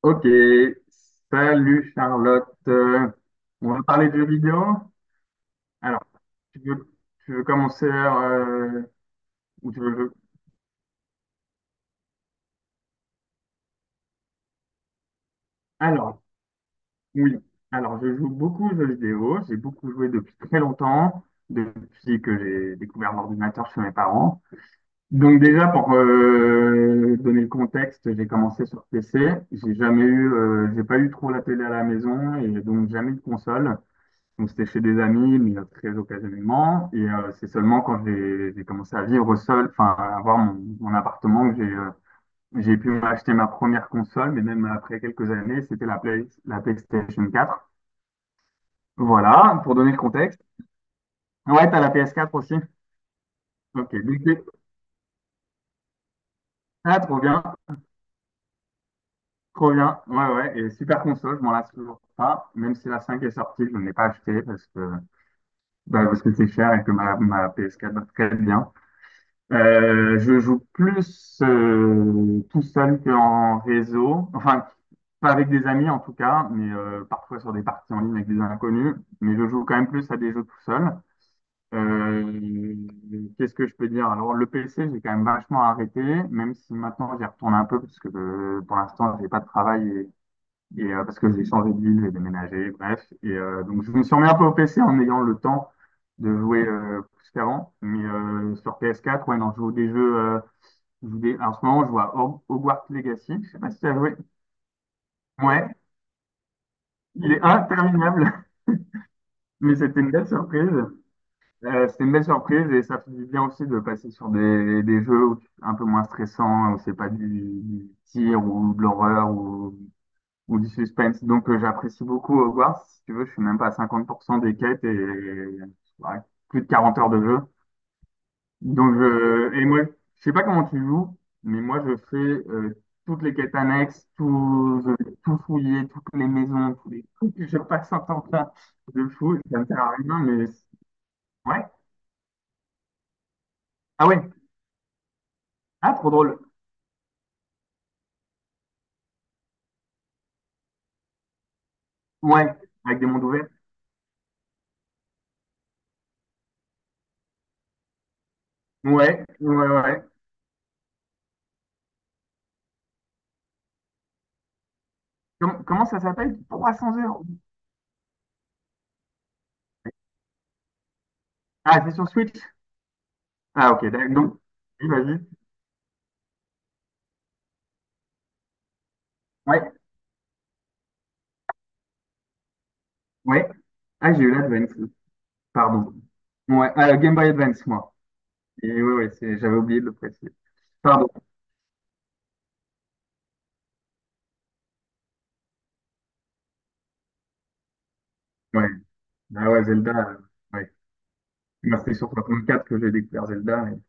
Ok, salut Charlotte. On va parler de jeux vidéo. Alors, tu veux, tu veux commencer ou tu veux... Alors, oui. Alors, je joue beaucoup aux jeux vidéo. J'ai beaucoup joué depuis très longtemps, depuis que j'ai découvert l'ordinateur chez mes parents. Donc déjà, pour donner le contexte, j'ai commencé sur PC. J'ai jamais eu, j'ai pas eu trop la télé à la maison et donc jamais eu de console. On c'était chez des amis, mais très occasionnellement. Et c'est seulement quand j'ai commencé à vivre seul, enfin, à avoir mon, mon appartement, que j'ai pu m'acheter ma première console, mais même après quelques années, c'était la Play, la PlayStation 4. Voilà, pour donner le contexte. Ouais, t'as la PS4 aussi. Ok, donc c'est- ah, trop bien, trop bien. Ouais, ouais, et super console, je m'en lasse toujours pas. Même si la 5 est sortie, je ne l'ai pas achetée parce que, bah, parce que c'est cher et que ma PS4 va très bien. Je joue plus tout seul qu'en réseau. Enfin, pas avec des amis en tout cas, mais parfois sur des parties en ligne avec des inconnus. Mais je joue quand même plus à des jeux tout seul. Euh, qu'est-ce que je peux dire? Alors, le PC, j'ai quand même vachement arrêté, même si maintenant j'y retourne un peu, parce que pour l'instant, j'ai pas de travail et, parce que j'ai changé de ville, j'ai déménagé, bref. Et donc, je me suis remis un peu au PC en ayant le temps de jouer plus qu'avant. Mais sur PS4, ouais, non, je joue des jeux. Je vais- en ce moment, je vois Hogwarts Legacy. Je sais pas si tu as joué. Ouais, il est interminable, mais c'était une belle surprise. C'était une belle surprise et ça fait du bien aussi de passer sur des jeux où tu- un peu moins stressants, où c'est pas du, du tir ou de l'horreur ou du suspense. Donc j'apprécie beaucoup Hogwarts. Si tu veux, je suis même pas à 50% des quêtes et ouais, plus de 40 heures de jeu. Donc, et moi, je sais pas comment tu joues, mais moi, je fais toutes les quêtes annexes, tout, je vais tout fouiller, toutes les maisons, tous les trucs. Je passe un temps plein de fou, ça ne sert à rien, mais c'est- ouais. Ah ouais, ah trop drôle. Ouais, avec des mondes ouverts. Ouais, ouais, ouais. Com- comment ça s'appelle? 300 heures. Ah, c'est sur Switch? Ah ok, d'accord. Donc, oui, vas-y. Ouais, ouais. Ah, j'ai eu l'Advance, pardon. Ouais, Game Boy Advance, moi. Et ouais, ouais, c'est- j'avais oublié de le préciser. Pardon. Ouais. Ah ouais, Zelda. Ouais. Moi, c'était sur 64 que j'ai découvert Zelda. Et-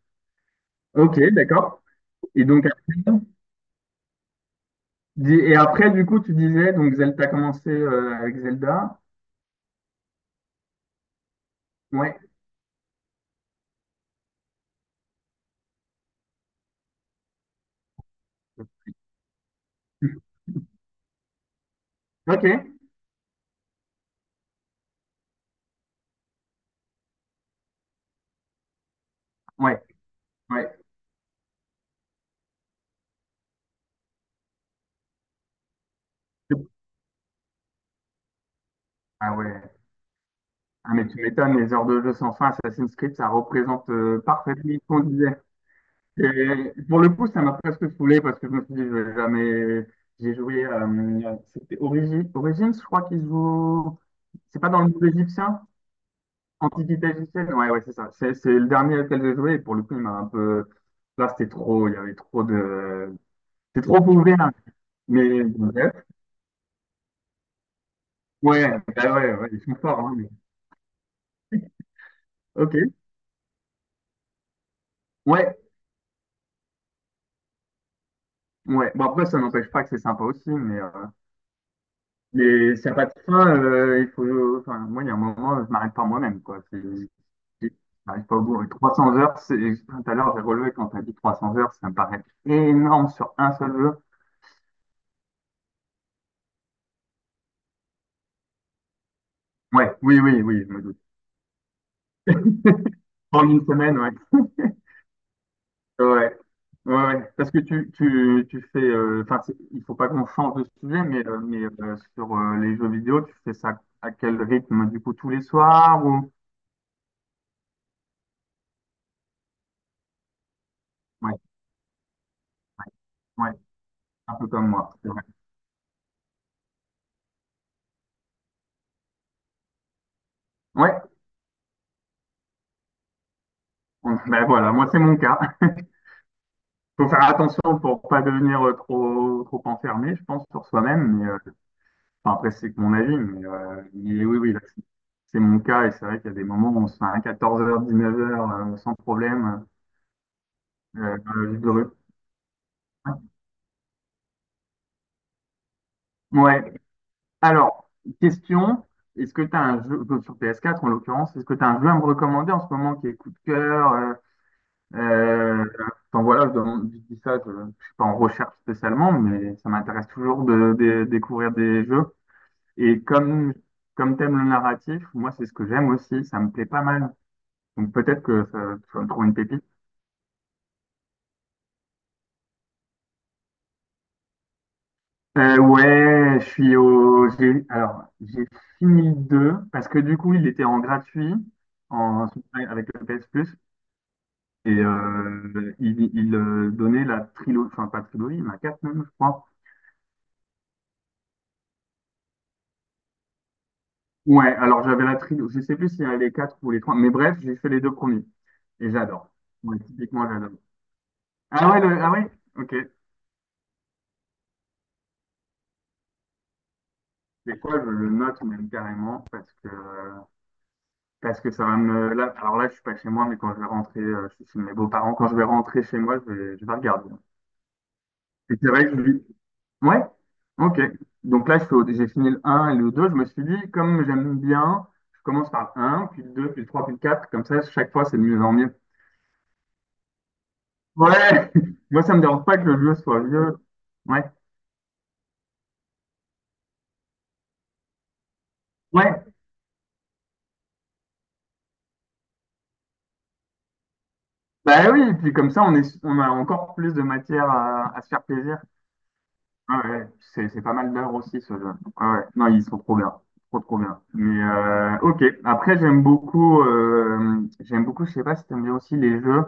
Ok, d'accord. Et donc après, dis- et après, du coup, tu disais, donc Zelda, t'as commencé avec Zelda. Ouais. Ok. Ouais. Ouais. Ah ouais. Ah mais tu m'étonnes, les heures de jeu sans fin, Assassin's Creed, ça représente parfaitement ce qu'on disait. Et pour le coup, ça m'a presque saoulé parce que je me suis dit, je vais jamais. J'ai joué. C'était Origi- Origins, je crois qu'ils jouent. C'est pas dans le monde égyptien? Antiquité égyptienne? Ouais, ouais, c'est ça. C'est le dernier auquel j'ai joué. Et pour le coup, il m'a un peu. Là, c'était trop. Il y avait trop de. C'était trop ouvert. Mais. Ouais, ouais, bah ouais, ouais, ils sont forts. Hein, mais- Ok. Ouais, ouais. Bon, après, ça n'empêche pas que c'est sympa aussi. Mais s'il n'y a pas de fin, il faut. Enfin, moi, il y a un moment, je m'arrête par moi-même, quoi. C'est- J'arrive pas au bout. Et 300 heures, c'est, tout à l'heure, j'ai relevé quand t'as dit 300 heures, ça me paraît énorme sur un seul jeu. Ouais, oui, oui, oui, je me doute. En une semaine, ouais. Ouais, ouais, ouais. Parce que tu fais, enfin, c'est- il faut pas qu'on change de sujet, mais sur les jeux vidéo, tu fais ça à quel rythme, du coup, tous les soirs ou... Ouais, ouais, un peu comme moi. C'est vrai. Ouais, on- ben voilà, moi, c'est mon cas. Faut faire attention pour pas devenir trop, trop enfermé, je pense, sur soi-même, Enfin, après, c'est que mon avis, mais oui, oui, là, c'est mon cas. Et c'est vrai qu'il y a des moments où on se fait un 14h, 19 heures sans problème. Juste heureux. Ouais. Alors, question, est-ce que tu as un jeu, sur PS4 en l'occurrence, est-ce que tu as un jeu à me recommander en ce moment qui est coup de cœur euh, enfin voilà, je, demande- je dis ça, je ne suis pas en recherche spécialement, mais ça m'intéresse toujours de découvrir des jeux. Et comme, comme t'aimes le narratif, moi c'est ce que j'aime aussi, ça me plaît pas mal Donc peut-être que ça, tu vas me trouver une pépite. Ouais, je suis au. J'ai, alors, j'ai fini le 2 parce que du coup, il était en gratuit en, avec le PS Plus et il donnait la trilogie, enfin pas trilogie, mais quatre même, je crois. Ouais, alors j'avais la trilogie, je sais plus s'il y a les quatre ou les trois, mais bref, j'ai fait les deux premiers et j'adore. Ouais, typiquement, j'adore. Ah ouais, le- ah ouais, ok. C'est quoi, je le note même carrément parce que Parce que ça va me. Là, alors là, je suis pas chez moi, mais quand je vais rentrer, je suis chez mes beaux-parents. Quand je vais rentrer chez moi, je vais regarder. Et c'est vrai que je lui. Ouais? Ok. Donc là, je fais au- j'ai fini le un et le 2 Je me suis dit, comme j'aime bien, je commence par le 1, puis le 2, puis le 3, puis le 4. Comme ça, chaque fois, c'est de mieux en mieux. Ouais! Moi, ça me dérange pas que le jeu soit vieux. Ouais. Ouais. Bah oui, et puis comme ça, on est, on a encore plus de matière à se faire plaisir. Ouais, ouais, c'est pas mal d'heures aussi ce jeu. Ouais, ouais. Non, ils sont trop bien. Trop, trop bien. Mais ok. Après, j'aime beaucoup, je sais pas si t'aimes bien aussi les jeux,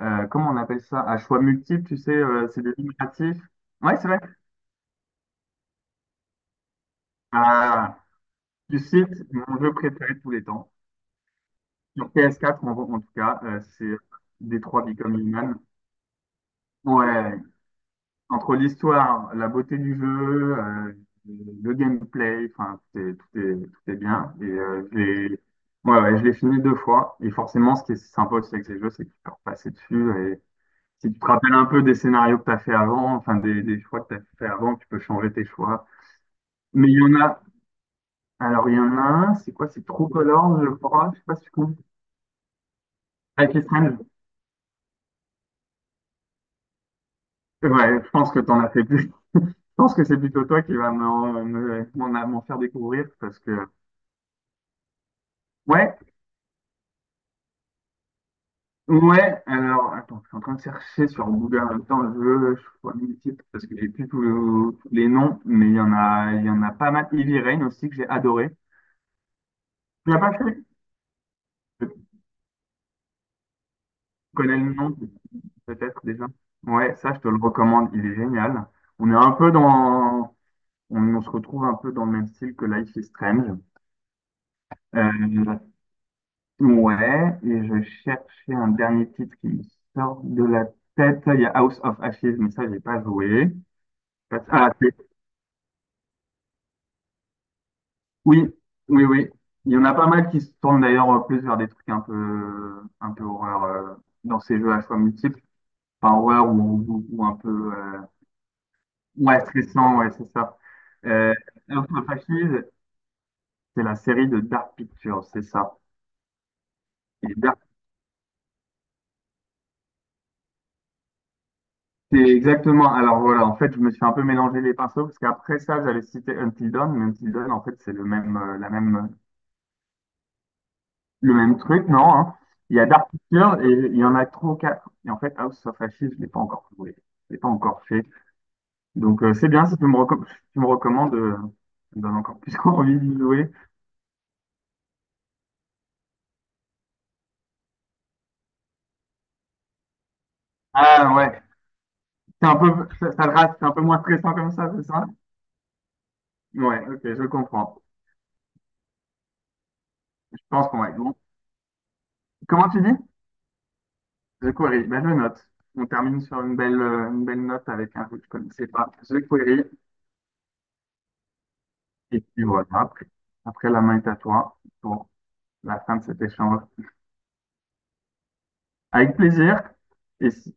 comment on appelle ça? À choix multiples, tu sais, c'est des jeux narratifs. Ouais, c'est vrai. Ah, tu cites mon jeu préféré de tous les temps. Sur PS4, en, en tout cas, c'est Detroit Become Human. Ouais, entre l'histoire, la beauté du jeu, le gameplay, enfin, tout est bien. Et je l'ai ouais, ouais, je l'ai fini deux fois. Et forcément, ce qui est sympa aussi avec ces jeux, c'est que tu peux repasser dessus. Et si tu te rappelles un peu des scénarios que tu as fait avant, enfin, des choix que tu as fait avant, tu peux changer tes choix. Mais il y en a, alors il y en a un, c'est quoi? C'est True Colors, je crois. Je sais pas si tu comptes. Avec les Strange. Ouais, je pense que t'en as fait plus. Je pense que c'est plutôt toi qui va m'en me- m'en faire découvrir parce que, ouais, Ouais, alors, attends, je suis en train de chercher sur Google en même temps, je veux, je vois mille titres parce que j'ai plus tous tous les noms, mais il y en a, il y en a pas mal. Heavy Rain aussi que j'ai adoré. Tu l'as pas fait? Je connais le nom, peut-être déjà. Ouais, ça, je te le recommande, il est génial. On est un peu dans, on se retrouve un peu dans le même style que Life is Strange. Euh, ouais, et je cherchais un dernier titre qui me sort de la tête. Il y a House of Ashes, mais ça, j'ai pas joué. Ah, Oui, oui, oui. Il y en a pas mal qui se tournent d'ailleurs plus vers des trucs un peu horreur dans ces jeux à choix multiples. Enfin, horreur ou un peu euh, ouais, stressant, ouais, c'est ça. Euh, House of Ashes, c'est la série de Dark Pictures, c'est ça. Et Dark- c'est exactement. Alors voilà, en fait, je me suis un peu mélangé les pinceaux parce qu'après ça, j'allais citer Until Dawn, mais Until Dawn, en fait, c'est le même, la même Le même truc, non, hein. Il y a Dark Pictures et il y en a trois ou quatre. Et en fait, House of Ashes, je ne l'ai pas encore joué. Je l'ai pas encore fait. Donc, c'est bien si tu me, reco- tu me recommandes. Ça me donne encore plus envie de jouer. Ah ouais. C'est un peu, ça le rate, c'est un peu moins stressant comme ça, c'est ça? Ouais, ok, je comprends. Je pense qu'on va être bon. Comment tu dis? The Quarry. Ben, je note. On termine sur une belle note avec un jeu que je connaissais pas. The Quarry. Et puis voilà, après, après la main est à toi pour la fin de cet échange. Avec plaisir. Et, si-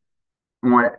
ouais.